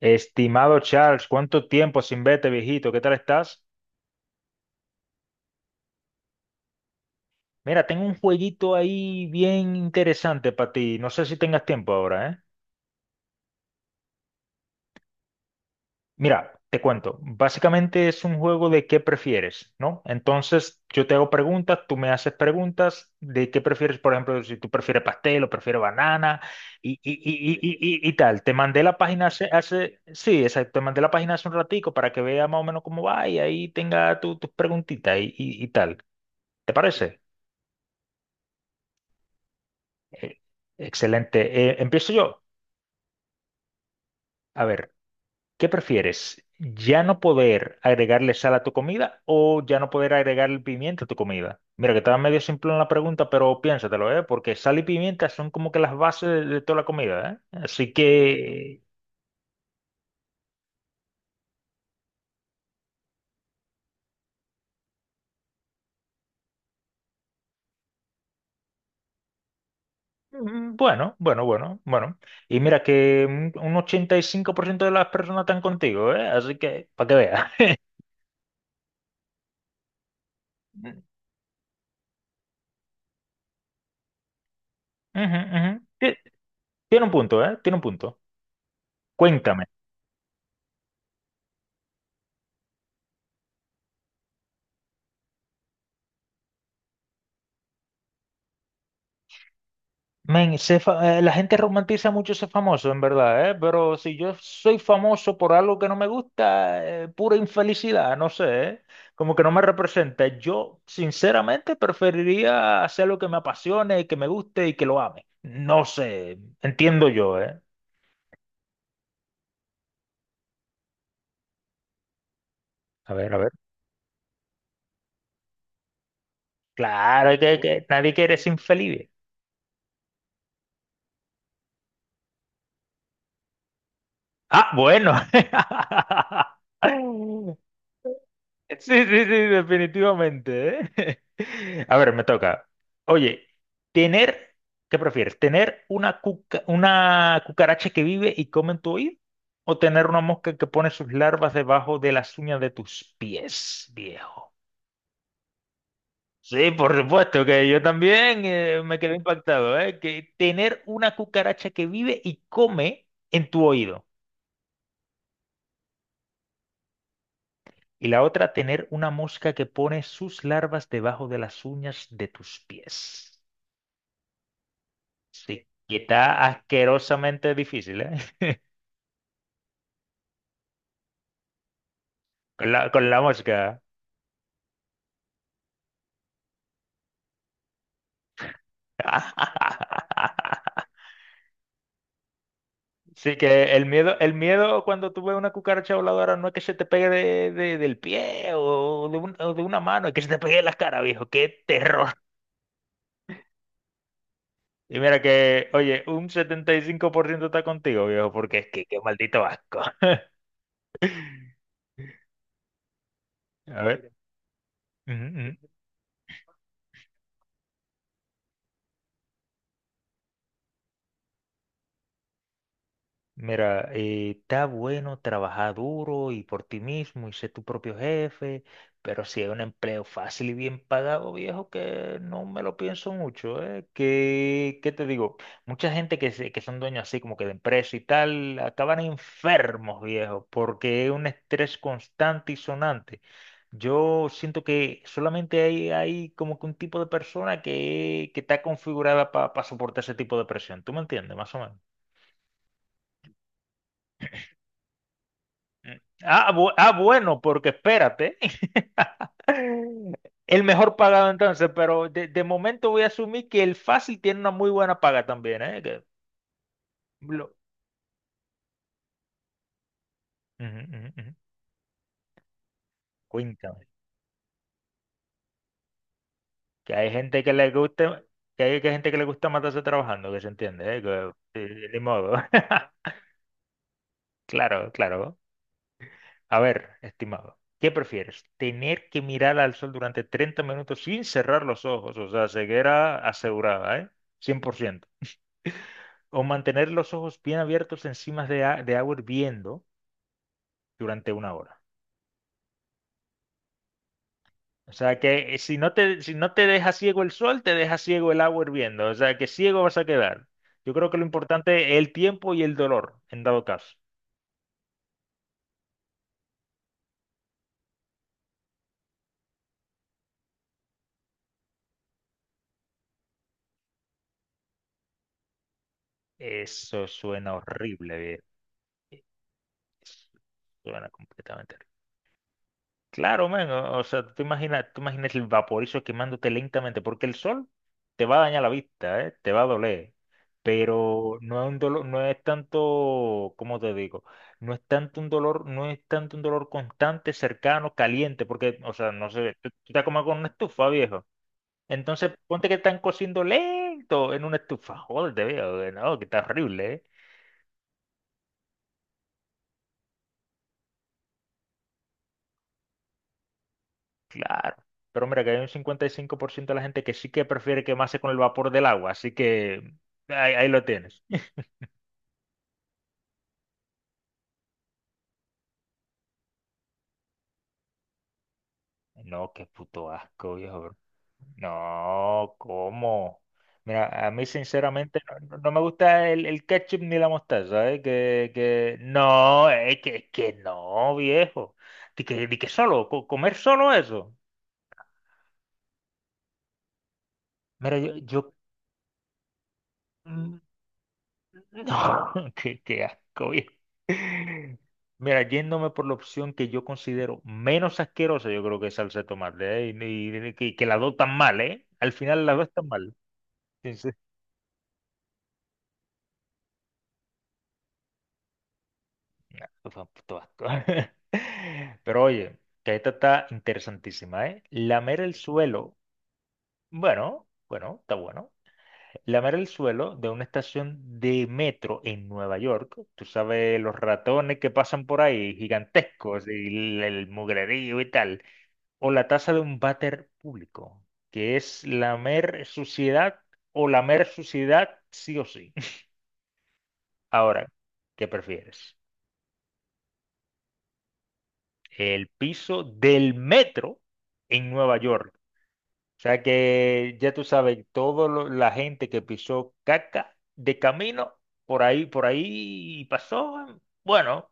Estimado Charles, ¿cuánto tiempo sin verte, viejito? ¿Qué tal estás? Mira, tengo un jueguito ahí bien interesante para ti. No sé si tengas tiempo ahora, ¿eh? Mira, te cuento. Básicamente es un juego de qué prefieres, ¿no? Entonces yo te hago preguntas, tú me haces preguntas de qué prefieres, por ejemplo, si tú prefieres pastel o prefieres banana y tal. Te mandé la página sí, exacto, te mandé la página hace un ratico para que veas más o menos cómo va y ahí tenga tus preguntitas y tal. ¿Te parece? Eh, Excelente. Empiezo yo. A ver, ¿qué prefieres? ¿Ya no poder agregarle sal a tu comida o ya no poder agregarle pimienta a tu comida? Mira, que estaba medio simple en la pregunta, pero piénsatelo, ¿eh? Porque sal y pimienta son como que las bases de toda la comida, ¿eh? Así que, mm, bueno, bueno, bueno, bueno. Y mira que un 85% de las personas están contigo, ¿eh? Así que, para que veas. Ujú, ujú. Ti- Tiene un punto, ¿eh? Tiene un punto. Cuéntame. Men, la gente romantiza mucho ser famoso, en verdad, ¿eh? Pero si yo soy famoso por algo que no me gusta, pura infelicidad, no sé, ¿eh? Como que no me representa. Yo, sinceramente, preferiría hacer lo que me apasione, que me guste y que lo ame. No sé, entiendo yo, ¿eh? A ver, a ver. Claro, que nadie quiere ser infeliz. Ah, bueno. Sí, sí, sí, definitivamente, ¿eh? A ver, me toca. Oye, tener, ¿qué prefieres? ¿Tener una una cucaracha que vive y come en tu oído? ¿O tener una mosca que pone sus larvas debajo de las uñas de tus pies, viejo? Sí, por supuesto que yo también me quedé impactado, ¿eh? Que tener una cucaracha que vive y come en tu oído. Y la otra, tener una mosca que pone sus larvas debajo de las uñas de tus pies. Sí, que está asquerosamente difícil, ¿eh? Con la mosca. Sí, que el miedo cuando tú ves una cucaracha voladora no es que se te pegue del pie o de una mano, es que se te pegue en las caras, viejo. ¡Qué terror! Y mira que, oye, un 75% está contigo, viejo, porque es que qué maldito asco. A ver. Ujú. Mira, está bueno trabajar duro y por ti mismo y ser tu propio jefe, pero si hay un empleo fácil y bien pagado, viejo, que no me lo pienso mucho, ¿eh? ¿Qué te digo? Mucha gente que son dueños así como que de empresa y tal, acaban enfermos, viejo, porque es un estrés constante y sonante. Yo siento que solamente hay como que un tipo de persona que está configurada para soportar ese tipo de presión. ¿Tú me entiendes? Más o menos. Ah, bueno, porque espérate, el mejor pagado entonces, pero de momento voy a asumir que el fácil tiene una muy buena paga también, ¿eh? Que lo- Ujú, ujú, ujú. Cuéntame, que hay gente que le gusta, que hay que gente que le gusta matarse trabajando, que se entiende, ¿eh? Que, ni modo. Claro, claro. A ver, estimado, ¿qué prefieres? ¿Tener que mirar al sol durante 30 minutos sin cerrar los ojos? O sea, ceguera asegurada, ¿eh? 100%. O mantener los ojos bien abiertos encima de agua hirviendo durante 1 hora. O sea que si no te, si no te deja ciego el sol, te deja ciego el agua hirviendo. O sea que ciego vas a quedar. Yo creo que lo importante es el tiempo y el dolor, en dado caso. Eso suena horrible, viejo. Suena completamente horrible. Claro, man, o sea, tú imaginas el vaporizo quemándote lentamente, porque el sol te va a dañar la vista, ¿eh? Te va a doler, pero no es un dolor, no es tanto, ¿cómo te digo? No es tanto un dolor, no es tanto un dolor constante, cercano, caliente, porque, o sea, no sé, tú te comes con una estufa, viejo. Entonces, ponte que están cociendo lento en una estufa, joder, te veo, no, que está horrible, ¿eh? Claro. Pero mira que hay un 55% de la gente que sí que prefiere quemarse con el vapor del agua, así que ahí, ahí lo tienes. No, qué puto asco, viejo, bro. No, ¿cómo? Mira, a mí sinceramente no, no me gusta el ketchup ni la mostaza, ¿eh? Que no, es que no, viejo. Di que solo, comer solo eso. Mira, mm, no, qué, qué asco, viejo. Mira, yéndome por la opción que yo considero menos asquerosa, yo creo que es salsa de tomate, ¿eh? Y que las dos tan mal, ¿eh? Al final las dos están mal. Entonces, nah, pues, fue un puto asco. Pero oye, que esta está interesantísima, ¿eh? Lamer el suelo, bueno, bueno, está bueno. Lamer el suelo de una estación de metro en Nueva York. Tú sabes, los ratones que pasan por ahí, gigantescos, y el mugrerío y tal. O la taza de un váter público, que es lamer suciedad o lamer suciedad sí o sí. Ahora, ¿qué prefieres? ¿El piso del metro en Nueva York? O sea que ya tú sabes, toda la gente que pisó caca de camino, por ahí pasó, bueno,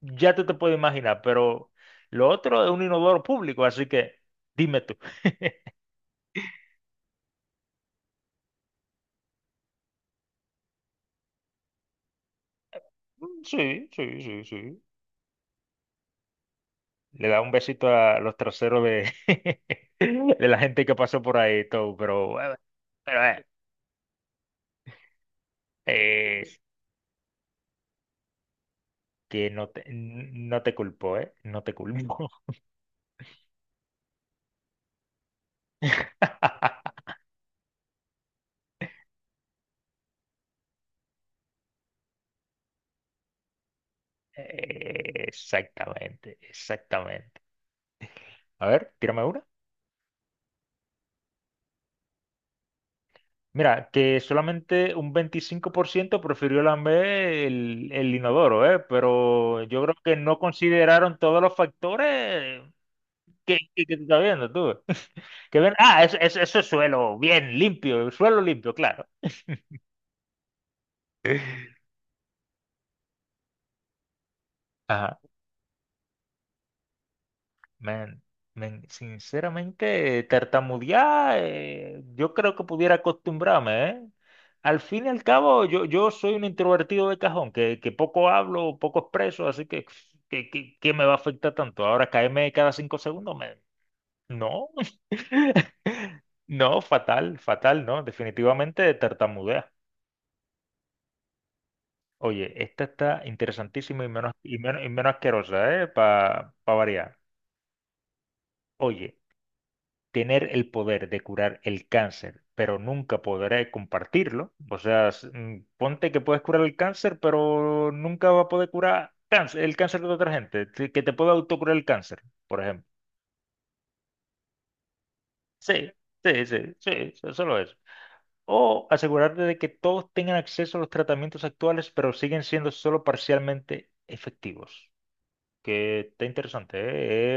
ya tú te puedes imaginar, pero lo otro es un inodoro público, así que dime tú. Mm, sí, sí, sí, sí. Le da un besito a los traseros de, de la gente que pasó por ahí, todo, pero, bueno, pero eh, que no te, no te culpo, ¿eh? No te culpo. Exactamente, exactamente. A ver, tírame una. Mira, que solamente un 25% prefirió lamber el inodoro, ¿eh? Pero yo creo que no consideraron todos los factores que tú estás viendo tú. Que ven, eso es suelo, bien, limpio, suelo limpio, claro. Ajá. Man, man, sinceramente, tartamudear, yo creo que pudiera acostumbrarme, ¿eh? Al fin y al cabo, yo soy un introvertido de cajón, que poco hablo, poco expreso, así que, ¿qué me va a afectar tanto? Ahora caerme cada 5 segundos, man. No, no, fatal, fatal, no, definitivamente tartamudea. Oye, esta está interesantísima y menos, y menos, y menos asquerosa, ¿eh? Para variar. Oye, tener el poder de curar el cáncer, pero nunca podré compartirlo. O sea, ponte que puedes curar el cáncer, pero nunca va a poder curar cáncer, el cáncer de otra gente, que te pueda autocurar el cáncer, por ejemplo. Sí, sí, sí, sí, solo eso. O asegurarte de que todos tengan acceso a los tratamientos actuales, pero siguen siendo solo parcialmente efectivos. Que está interesante,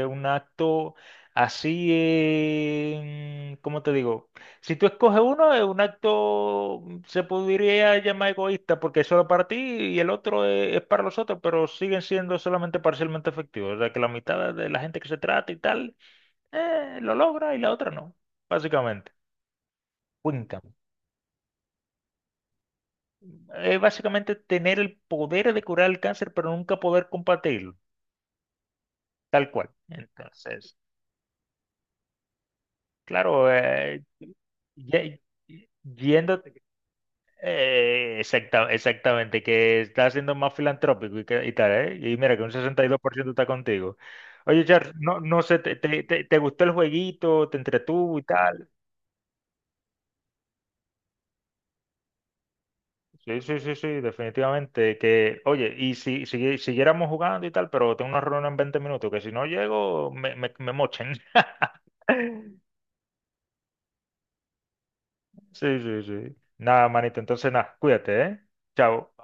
¿eh? Es un acto así, ¿cómo te digo? Si tú escoges uno, es un acto, mm, se podría llamar egoísta porque es solo para ti y el otro es para los otros, pero siguen siendo solamente parcialmente efectivos. O sea, que la mitad de la gente que se trata y tal, lo logra y la otra no, básicamente. Cuéntame. Es básicamente tener el poder de curar el cáncer, pero nunca poder combatirlo, tal cual. Entonces, claro, ye- yendo exactamente, que estás siendo más filantrópico y tal, ¿eh? Y mira que un 62% está contigo. Oye, Charles, no, no sé, ¿te gustó el jueguito? ¿Te entretuvo y tal? Sí, sí, sí, sí, definitivamente. Que, oye, si siguiéramos jugando y tal, pero tengo una reunión en 20 minutos, que si no llego, me mochen. Sí, sí, sí. Nada, manito, entonces nada, cuídate, ¿eh? Chao.